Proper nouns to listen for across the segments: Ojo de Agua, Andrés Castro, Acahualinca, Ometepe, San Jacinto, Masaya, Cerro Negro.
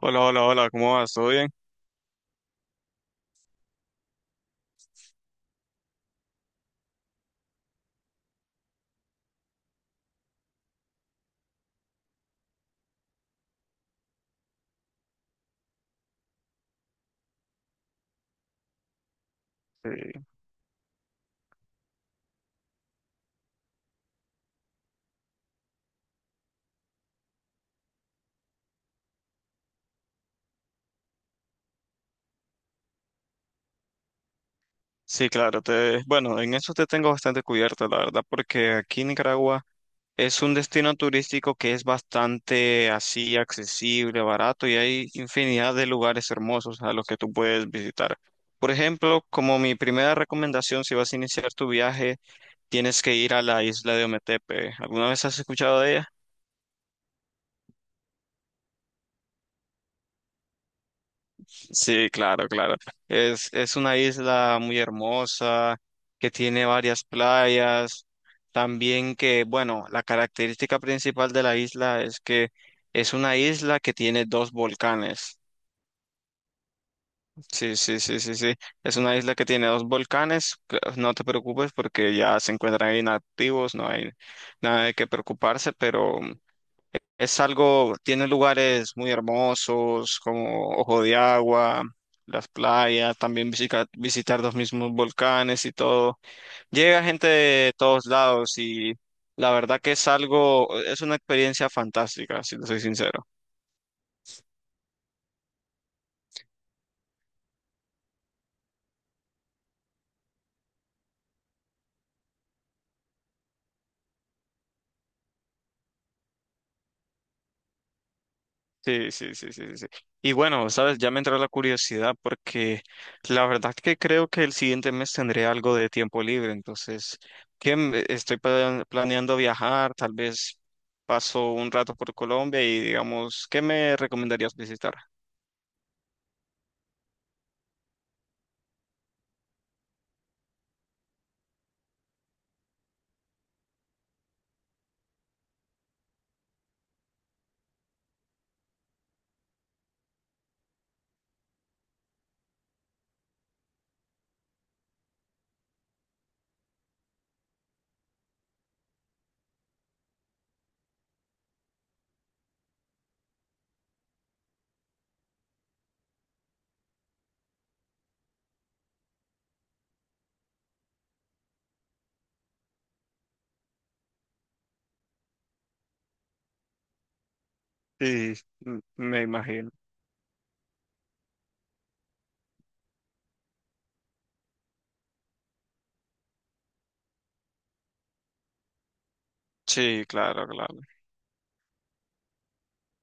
Hola, hola, hola, ¿cómo vas? ¿Todo bien? Sí, Sí, claro, bueno, en eso te tengo bastante cubierto, la verdad, porque aquí en Nicaragua es un destino turístico que es bastante así accesible, barato y hay infinidad de lugares hermosos a los que tú puedes visitar. Por ejemplo, como mi primera recomendación, si vas a iniciar tu viaje, tienes que ir a la isla de Ometepe. ¿Alguna vez has escuchado de ella? Sí, claro, claro. Es una isla muy hermosa, que tiene varias playas. También que, bueno, la característica principal de la isla es que es una isla que tiene dos volcanes. Sí, sí, sí, sí, sí. Es una isla que tiene dos volcanes. No te preocupes porque ya se encuentran inactivos, no hay nada de qué preocuparse, pero es algo, tiene lugares muy hermosos como Ojo de Agua, las playas, también visitar los mismos volcanes y todo. Llega gente de todos lados y la verdad que es algo, es una experiencia fantástica, si te soy sincero. Sí, sí, sí, sí, sí. Sí. Y bueno, sabes, ya me entró la curiosidad porque la verdad que creo que el siguiente mes tendré algo de tiempo libre, entonces, estoy planeando viajar, tal vez paso un rato por Colombia y digamos, ¿qué me recomendarías visitar? Sí, me imagino. Sí, claro, claro.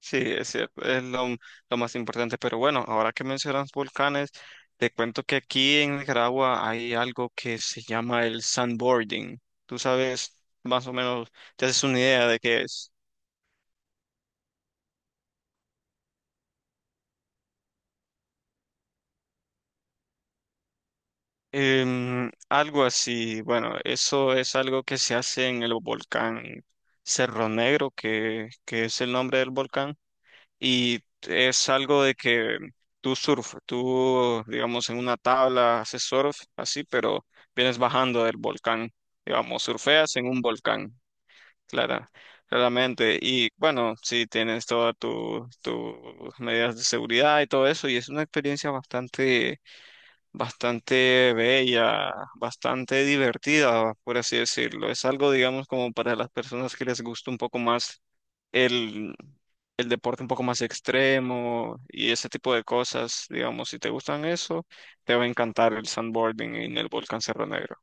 Sí, es cierto, es lo más importante. Pero bueno, ahora que mencionas volcanes, te cuento que aquí en Nicaragua hay algo que se llama el sandboarding. Tú sabes, más o menos, te haces una idea de qué es. Algo así, bueno, eso es algo que se hace en el volcán Cerro Negro, que es el nombre del volcán. Y es algo de que tú, digamos, en una tabla haces surf, así, pero vienes bajando del volcán, digamos, surfeas en un volcán, clara, claramente. Y bueno, sí, tienes todas tus medidas de seguridad y todo eso, y es una experiencia bastante, bastante bella, bastante divertida, por así decirlo. Es algo, digamos, como para las personas que les gusta un poco más el, el deporte un poco más extremo y ese tipo de cosas, digamos, si te gustan eso, te va a encantar el sandboarding en el volcán Cerro Negro.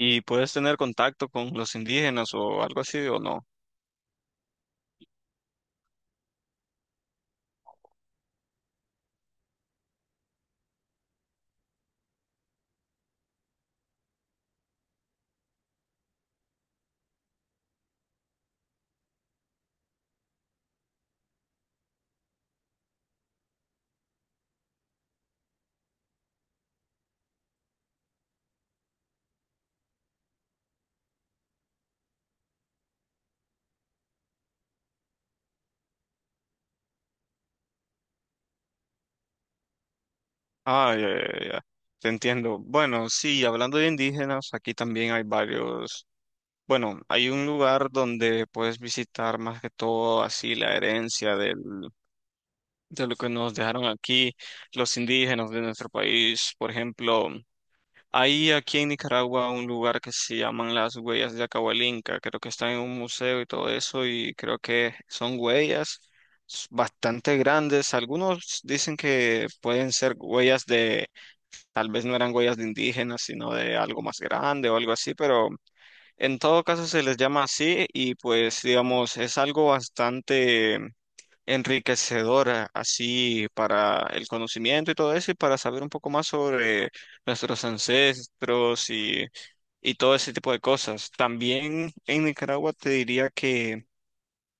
¿Y puedes tener contacto con los indígenas o algo así o no? Ah, ya, ya, ya. Te entiendo. Bueno, sí, hablando de indígenas, aquí también hay varios. Bueno, hay un lugar donde puedes visitar más que todo así la herencia de lo que nos dejaron aquí los indígenas de nuestro país. Por ejemplo, hay aquí en Nicaragua un lugar que se llaman las huellas de Acahualinca, creo que está en un museo y todo eso, y creo que son huellas bastante grandes. Algunos dicen que pueden ser huellas tal vez no eran huellas de indígenas, sino de algo más grande o algo así, pero en todo caso se les llama así y pues digamos, es algo bastante enriquecedora así para el conocimiento y todo eso y para saber un poco más sobre nuestros ancestros y todo ese tipo de cosas. También en Nicaragua te diría que,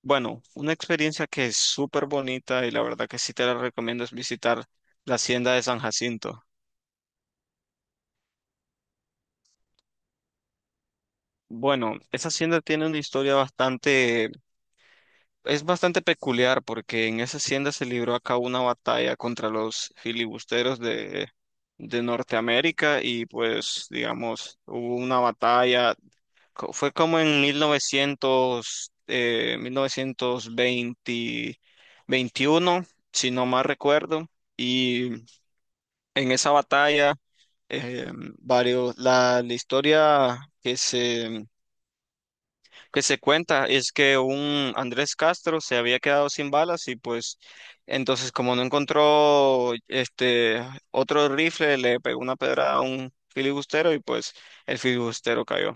bueno, una experiencia que es súper bonita y la verdad que sí te la recomiendo es visitar la hacienda de San Jacinto. Bueno, esa hacienda tiene una historia bastante Es bastante peculiar porque en esa hacienda se libró a cabo una batalla contra los filibusteros de Norteamérica y pues digamos hubo una batalla, fue como en 1900, 1920 21 si no mal recuerdo, y en esa batalla eh, varios, la historia que se cuenta es que un Andrés Castro se había quedado sin balas y pues entonces como no encontró este otro rifle le pegó una pedrada a un filibustero y pues el filibustero cayó.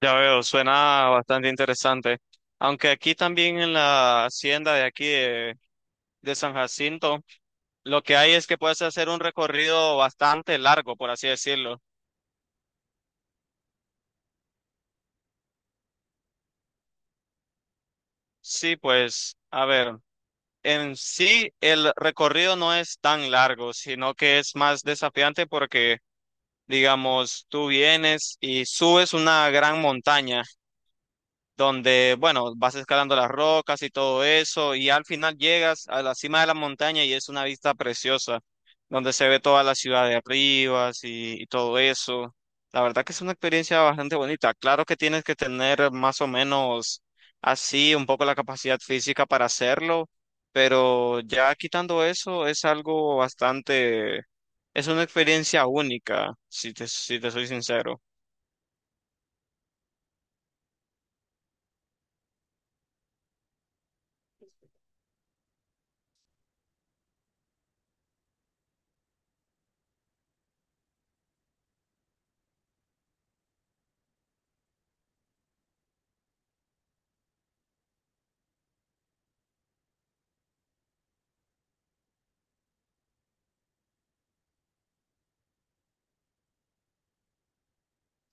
Ya veo, suena bastante interesante. Aunque aquí también en la hacienda de aquí de San Jacinto lo que hay es que puedes hacer un recorrido bastante largo, por así decirlo. Sí, pues, a ver. En sí, el recorrido no es tan largo, sino que es más desafiante porque, digamos, tú vienes y subes una gran montaña donde, bueno, vas escalando las rocas y todo eso, y al final llegas a la cima de la montaña y es una vista preciosa, donde se ve toda la ciudad de arriba y todo eso. La verdad que es una experiencia bastante bonita. Claro que tienes que tener más o menos así un poco la capacidad física para hacerlo, pero ya quitando eso es algo bastante, es una experiencia única, si te soy sincero.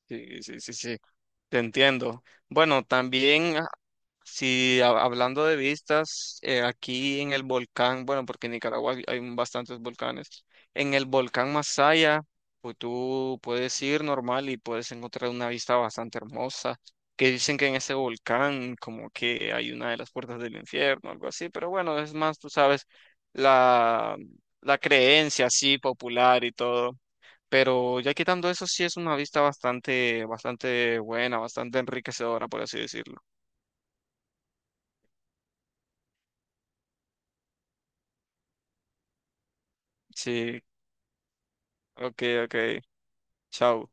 Sí, sí, sí, sí. Te entiendo. Bueno, también si hablando de vistas, aquí en el volcán, bueno, porque en Nicaragua hay bastantes volcanes, en el volcán Masaya, pues tú puedes ir normal y puedes encontrar una vista bastante hermosa, que dicen que en ese volcán como que hay una de las puertas del infierno, algo así, pero bueno, es más, tú sabes, la, la creencia así popular y todo. Pero ya quitando eso, sí es una vista bastante, bastante buena, bastante enriquecedora, por así decirlo. Sí, ok, ok. Chao.